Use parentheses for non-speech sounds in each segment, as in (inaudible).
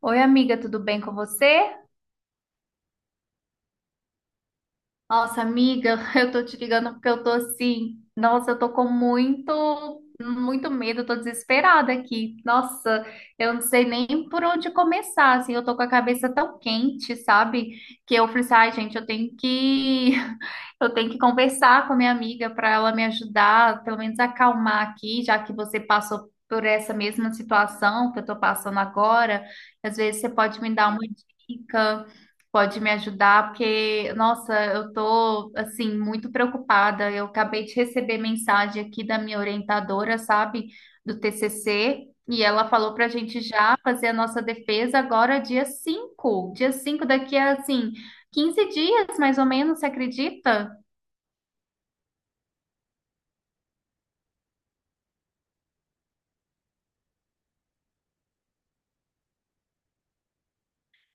Oi, amiga, tudo bem com você? Nossa, amiga, (laughs) eu tô te ligando porque eu tô assim. Nossa, eu tô com muito, muito medo, eu tô desesperada aqui. Nossa, eu não sei nem por onde começar, assim. Eu tô com a cabeça tão quente, sabe? Que eu falei assim, ai, gente, (laughs) eu tenho que conversar com a minha amiga para ela me ajudar, pelo menos acalmar aqui, já que você passou por essa mesma situação que eu tô passando agora. Às vezes você pode me dar uma dica, pode me ajudar, porque, nossa, eu tô, assim, muito preocupada. Eu acabei de receber mensagem aqui da minha orientadora, sabe, do TCC, e ela falou pra gente já fazer a nossa defesa agora dia cinco daqui a, assim, 15 dias, mais ou menos, você acredita?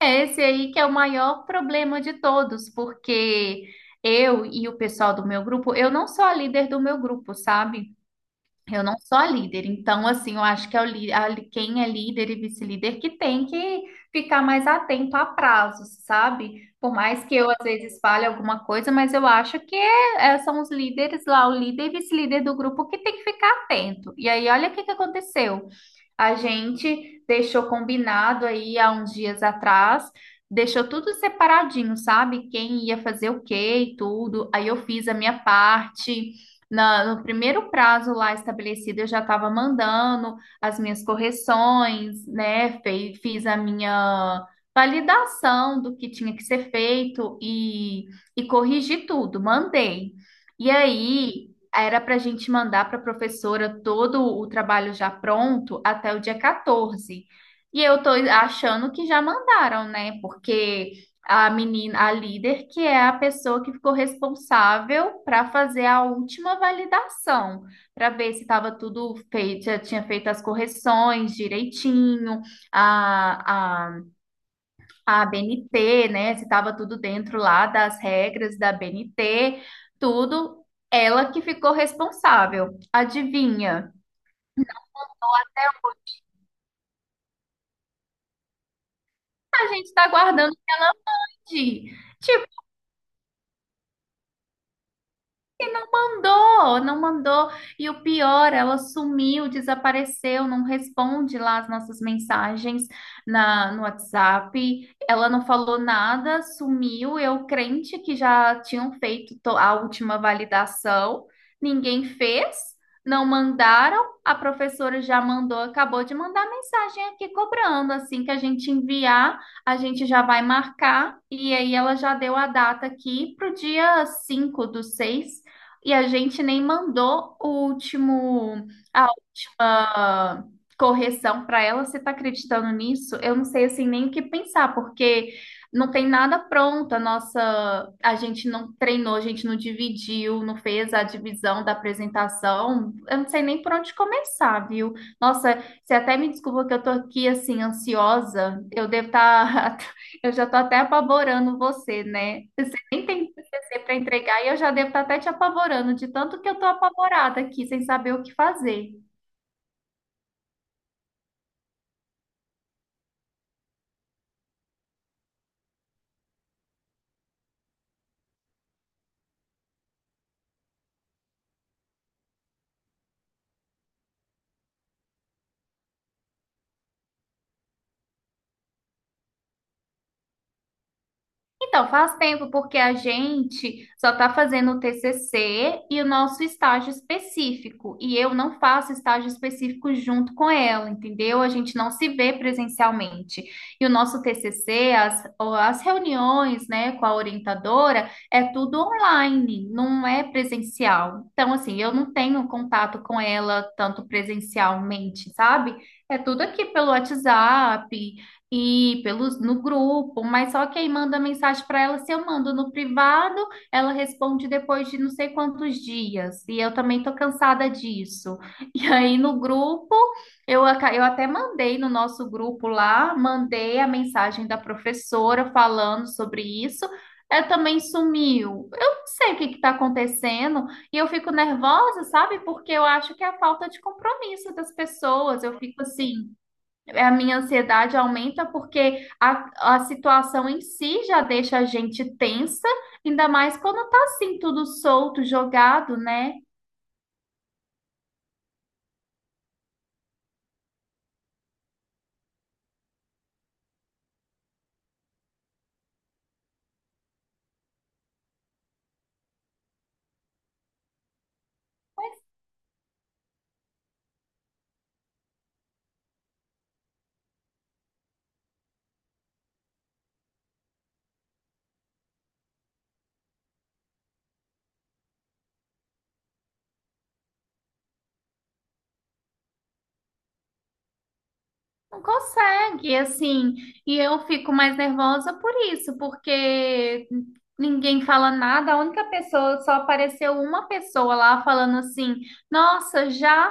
É esse aí que é o maior problema de todos, porque eu e o pessoal do meu grupo, eu não sou a líder do meu grupo, sabe? Eu não sou a líder, então assim, eu acho que é o li- a li- quem é líder e vice-líder que tem que ficar mais atento a prazos, sabe? Por mais que eu às vezes fale alguma coisa, mas eu acho que são os líderes lá, o líder e vice-líder do grupo que tem que ficar atento. E aí, olha o que que aconteceu. A gente deixou combinado aí há uns dias atrás, deixou tudo separadinho, sabe? Quem ia fazer o quê e tudo. Aí eu fiz a minha parte. No primeiro prazo lá estabelecido, eu já estava mandando as minhas correções, né? Fiz a minha validação do que tinha que ser feito e corrigi tudo, mandei. E aí era para a gente mandar para a professora todo o trabalho já pronto até o dia 14. E eu tô achando que já mandaram, né? Porque a menina, a líder, que é a pessoa que ficou responsável para fazer a última validação, para ver se estava tudo feito, já tinha feito as correções direitinho, a, a BNT, né? Se estava tudo dentro lá das regras da BNT, tudo, ela que ficou responsável. Adivinha? A gente está guardando o Didi. E não mandou, não mandou. E o pior, ela sumiu, desapareceu, não responde lá as nossas mensagens no WhatsApp. Ela não falou nada, sumiu. Eu crente que já tinham feito a última validação, ninguém fez, não mandaram. A professora já mandou, acabou de mandar mensagem aqui cobrando. Assim que a gente enviar, a gente já vai marcar. E aí ela já deu a data aqui para o dia 5 do 6. E a gente nem mandou o último, a última correção para ela. Você está acreditando nisso? Eu não sei assim nem o que pensar, porque não tem nada pronto. A nossa, a gente não treinou, a gente não dividiu, não fez a divisão da apresentação. Eu não sei nem por onde começar, viu? Nossa, você até me desculpa que eu tô aqui assim ansiosa. Eu devo estar, (laughs) eu já tô até apavorando você, né? Você nem tem TCC para entregar e eu já devo estar até te apavorando, de tanto que eu estou apavorada aqui, sem saber o que fazer. Então, faz tempo, porque a gente só está fazendo o TCC e o nosso estágio específico. E eu não faço estágio específico junto com ela, entendeu? A gente não se vê presencialmente. E o nosso TCC, ó, as reuniões, né, com a orientadora, é tudo online, não é presencial. Então, assim, eu não tenho contato com ela tanto presencialmente, sabe? É tudo aqui pelo WhatsApp. E pelos no grupo, mas só que quem manda mensagem para ela, se eu mando no privado, ela responde depois de não sei quantos dias. E eu também tô cansada disso. E aí no grupo, eu até mandei no nosso grupo lá, mandei a mensagem da professora falando sobre isso. Ela também sumiu. Eu não sei o que está acontecendo e eu fico nervosa, sabe? Porque eu acho que é a falta de compromisso das pessoas. Eu fico assim. É, a minha ansiedade aumenta porque a situação em si já deixa a gente tensa, ainda mais quando tá assim, tudo solto, jogado, né? Não consegue, assim. E eu fico mais nervosa por isso, porque ninguém fala nada, a única pessoa, só apareceu uma pessoa lá falando assim: nossa, já.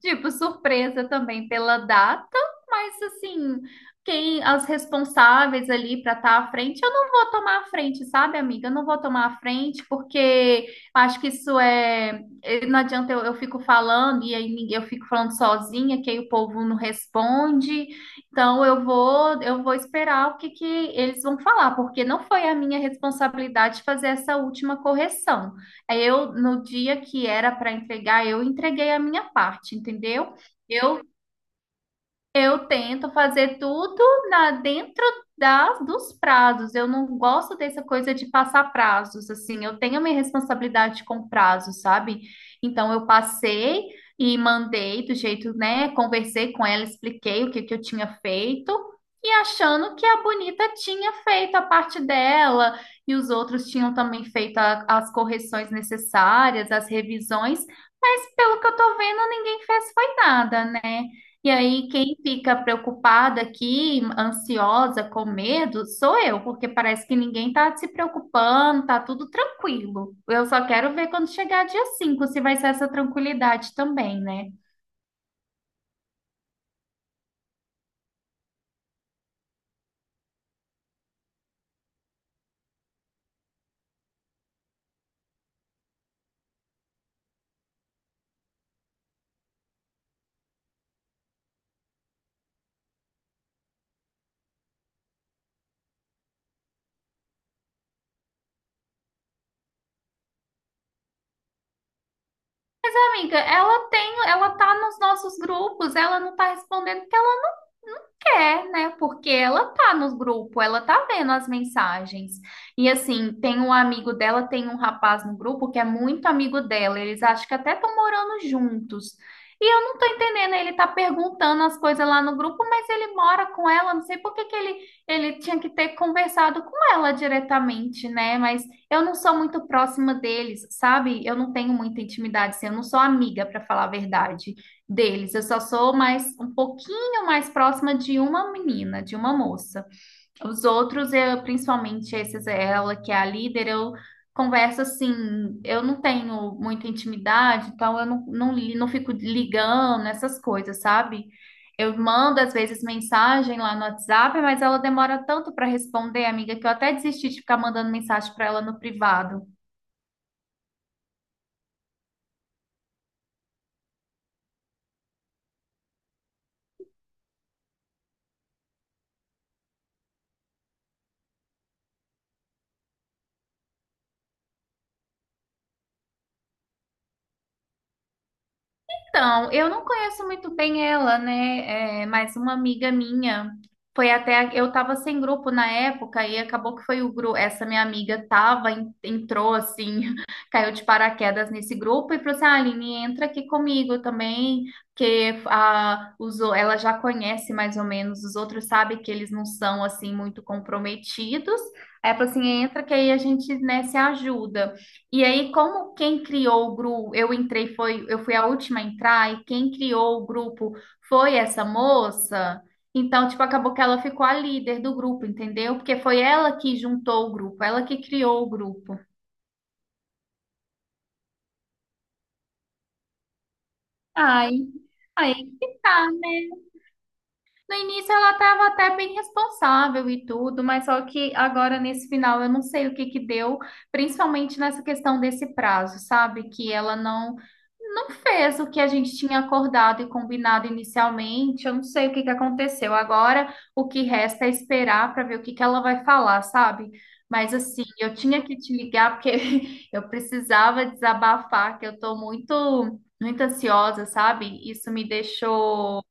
Tipo, surpresa também pela data, mas assim, quem as responsáveis ali para estar à frente, eu não vou tomar a frente, sabe, amiga? Eu não vou tomar a frente porque acho que isso é, não adianta eu, fico falando e aí eu fico falando sozinha, que aí o povo não responde. Então eu vou esperar o que que eles vão falar, porque não foi a minha responsabilidade fazer essa última correção. Aí eu, no dia que era para entregar, eu entreguei a minha parte, entendeu? Eu eu tento fazer tudo na dentro dos prazos. Eu não gosto dessa coisa de passar prazos, assim. Eu tenho a minha responsabilidade com prazos, sabe? Então eu passei e mandei do jeito, né? Conversei com ela, expliquei o que que eu tinha feito e achando que a bonita tinha feito a parte dela e os outros tinham também feito as correções necessárias, as revisões. Mas pelo que eu tô vendo, ninguém fez foi nada, né? E aí, quem fica preocupada aqui, ansiosa, com medo, sou eu, porque parece que ninguém tá se preocupando, tá tudo tranquilo. Eu só quero ver quando chegar dia 5 se vai ser essa tranquilidade também, né? Mas, amiga, ela tá nos nossos grupos, ela não tá respondendo porque ela quer, né? Porque ela tá no grupo, ela tá vendo as mensagens. E assim, tem um amigo dela, tem um rapaz no grupo que é muito amigo dela. Eles acham que até estão morando juntos. E eu não tô entendendo, ele tá perguntando as coisas lá no grupo, mas ele mora com ela, não sei por que que ele tinha que ter conversado com ela diretamente, né? Mas eu não sou muito próxima deles, sabe? Eu não tenho muita intimidade, assim, eu não sou amiga, para falar a verdade deles. Eu só sou mais um pouquinho eu mais próxima de uma menina, de uma moça. Os outros, eu, principalmente esses, ela que é a líder, eu converso assim, eu não tenho muita intimidade, então eu não, não, não fico ligando essas coisas, sabe? Eu mando às vezes mensagem lá no WhatsApp, mas ela demora tanto para responder, amiga, que eu até desisti de ficar mandando mensagem para ela no privado. Então, eu não conheço muito bem ela, né? É, mas uma amiga minha foi até. Eu tava sem grupo na época e acabou que foi o grupo. Essa minha amiga tava, entrou assim, (laughs) caiu de paraquedas nesse grupo e falou assim: ah, Aline, entra aqui comigo também, porque ela já conhece mais ou menos, os outros sabem que eles não são assim muito comprometidos. Aí ela falou assim: entra que aí a gente, né, se ajuda. E aí, como quem criou o grupo, eu entrei, foi, eu fui a última a entrar, e quem criou o grupo foi essa moça, então, tipo, acabou que ela ficou a líder do grupo, entendeu? Porque foi ela que juntou o grupo, ela que criou o grupo. Ai, aí que tá, né? No início ela estava até bem responsável e tudo, mas só que agora nesse final eu não sei o que que deu, principalmente nessa questão desse prazo, sabe? Que ela não fez o que a gente tinha acordado e combinado inicialmente. Eu não sei o que que aconteceu. Agora o que resta é esperar para ver o que que ela vai falar, sabe? Mas assim, eu tinha que te ligar porque (laughs) eu precisava desabafar, que eu tô muito muito ansiosa, sabe? Isso me deixou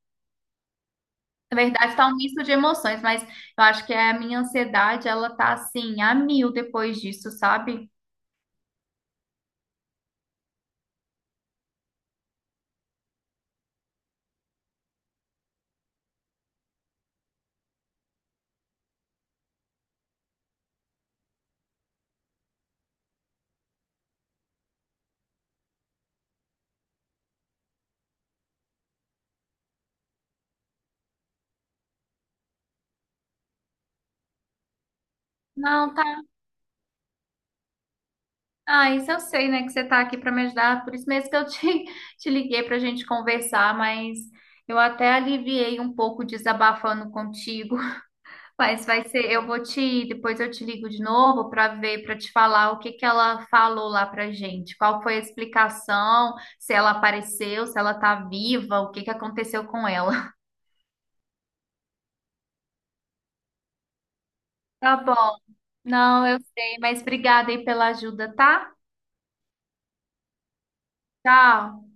na verdade, tá um misto de emoções, mas eu acho que a minha ansiedade, ela tá assim, a mil depois disso, sabe? Não, tá. Ah, isso eu sei, né, que você tá aqui pra me ajudar, por isso mesmo que eu (laughs) te liguei pra gente conversar, mas eu até aliviei um pouco desabafando contigo. (laughs) Mas vai ser, depois eu te ligo de novo pra ver, pra te falar o que que ela falou lá pra gente, qual foi a explicação, se ela apareceu, se ela tá viva, o que que aconteceu com ela. (laughs) Tá bom. Não, eu sei, mas obrigada aí pela ajuda, tá? Tchau.